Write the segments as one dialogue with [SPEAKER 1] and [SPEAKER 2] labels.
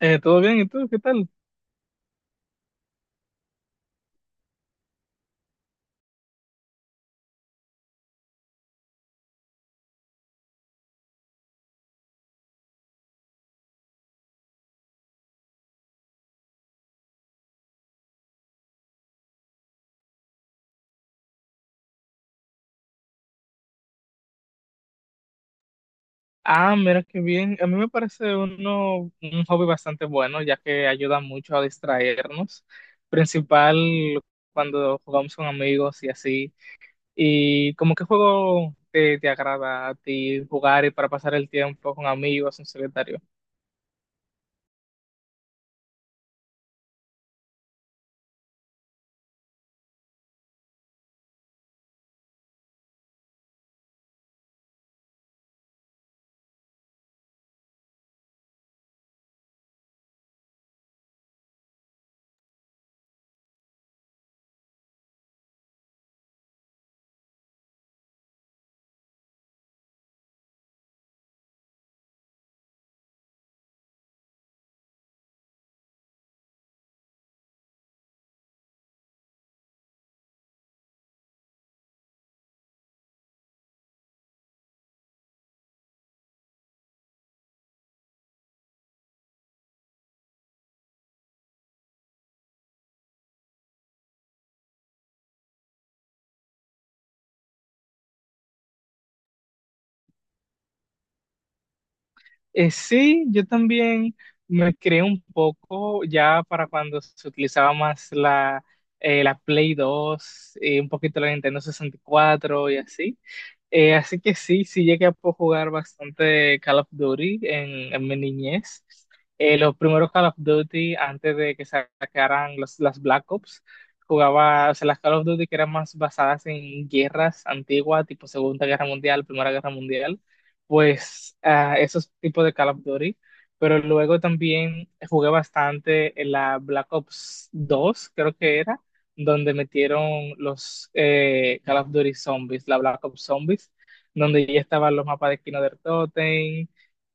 [SPEAKER 1] ¿Todo bien? ¿Y tú? ¿Qué tal? Ah, mira qué bien. A mí me parece un hobby bastante bueno, ya que ayuda mucho a distraernos, principal cuando jugamos con amigos y así. ¿Y como qué juego te agrada a ti jugar y para pasar el tiempo con amigos en solitario? Sí, yo también me creé un poco ya para cuando se utilizaba más la Play dos un poquito la Nintendo 64 y cuatro y así. Así que sí, sí llegué a poder jugar bastante Call of Duty en mi niñez. Los primeros Call of Duty, antes de que sacaran las Black Ops, jugaba, o sea, las Call of Duty que eran más basadas en guerras antiguas, tipo Segunda Guerra Mundial, Primera Guerra Mundial, pues ah, esos tipos de Call of Duty, pero luego también jugué bastante en la Black Ops 2, creo que era, donde metieron los Call of Duty Zombies, la Black Ops Zombies, donde ya estaban los mapas de Kino del Totem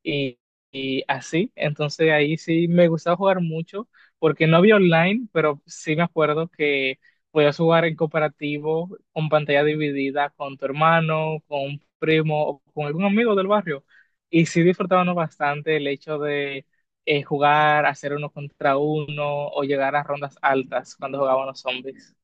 [SPEAKER 1] y, y así. Entonces ahí sí me gustaba jugar mucho, porque no había online, pero sí me acuerdo que podías jugar en cooperativo, con pantalla dividida, con tu hermano, con un primo o con algún amigo del barrio. Y sí disfrutábamos bastante el hecho de jugar, hacer uno contra uno o llegar a rondas altas cuando jugábamos zombies.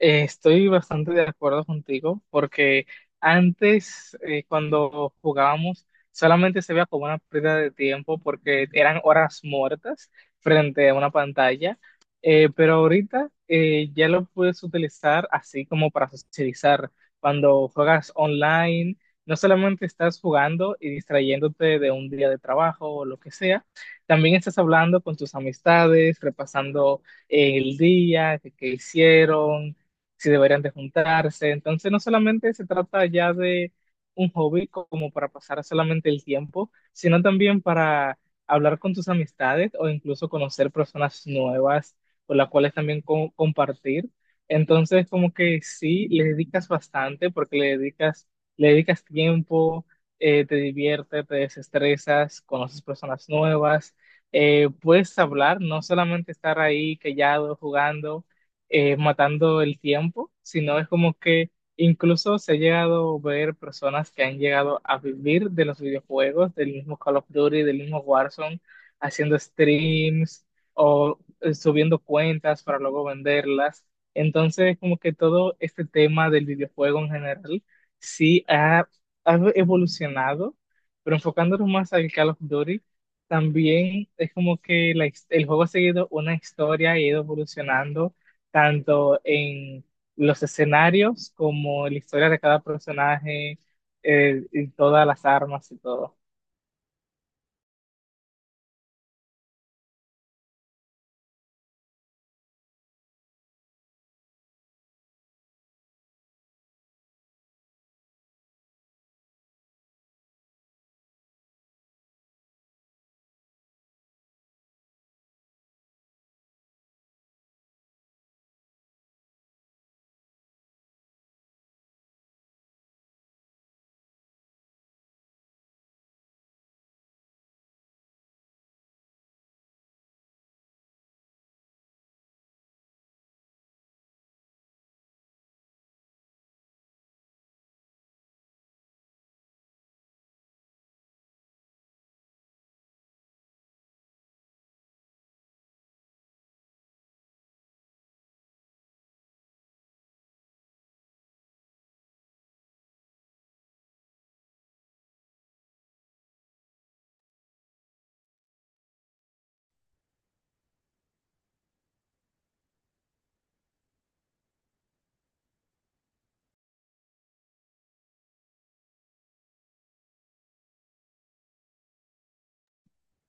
[SPEAKER 1] Estoy bastante de acuerdo contigo porque antes, cuando jugábamos, solamente se veía como una pérdida de tiempo porque eran horas muertas frente a una pantalla. Pero ahorita, ya lo puedes utilizar así como para socializar. Cuando juegas online, no solamente estás jugando y distrayéndote de un día de trabajo o lo que sea, también estás hablando con tus amistades, repasando el día, que qué hicieron, si deberían de juntarse. Entonces no solamente se trata ya de un hobby como para pasar solamente el tiempo, sino también para hablar con tus amistades o incluso conocer personas nuevas con las cuales también compartir. Entonces como que sí, le dedicas bastante porque le dedicas tiempo, te diviertes, te desestresas, conoces personas nuevas. Puedes hablar, no solamente estar ahí callado, jugando, matando el tiempo, sino es como que incluso se ha llegado a ver personas que han llegado a vivir de los videojuegos, del mismo Call of Duty, del mismo Warzone, haciendo streams o subiendo cuentas para luego venderlas. Entonces, como que todo este tema del videojuego en general sí ha, ha evolucionado, pero enfocándonos más al Call of Duty. También es como que el juego ha seguido una historia y ha ido evolucionando tanto en los escenarios como en la historia de cada personaje, y todas las armas y todo.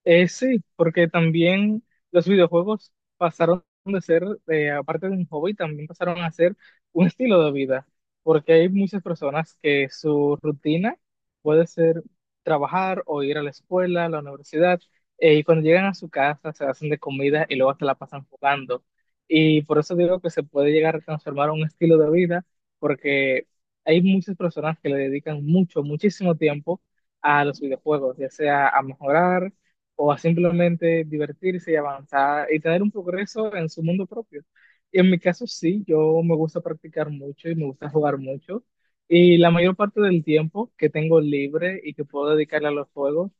[SPEAKER 1] Sí, porque también los videojuegos pasaron de ser, aparte de un hobby, también pasaron a ser un estilo de vida, porque hay muchas personas que su rutina puede ser trabajar o ir a la escuela, a la universidad, y cuando llegan a su casa se hacen de comida y luego se la pasan jugando. Y por eso digo que se puede llegar a transformar un estilo de vida, porque hay muchas personas que le dedican mucho, muchísimo tiempo a los videojuegos, ya sea a mejorar o a simplemente divertirse y avanzar y tener un progreso en su mundo propio. Y en mi caso sí, yo me gusta practicar mucho y me gusta jugar mucho. Y la mayor parte del tiempo que tengo libre y que puedo dedicarle a los juegos,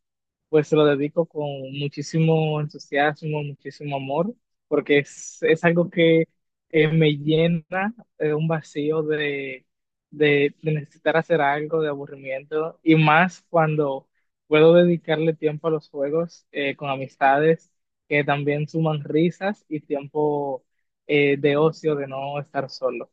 [SPEAKER 1] pues se lo dedico con muchísimo entusiasmo, muchísimo amor, porque es algo que me llena un vacío de necesitar hacer algo, de aburrimiento, y más cuando puedo dedicarle tiempo a los juegos con amistades que también suman risas y tiempo de ocio, de no estar solo.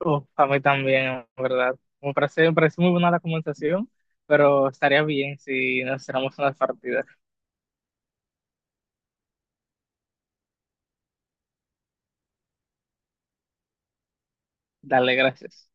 [SPEAKER 1] Uf, a mí también, en ¿verdad? Me parece muy buena la conversación, pero estaría bien si nos hiciéramos unas partidas. Dale, gracias.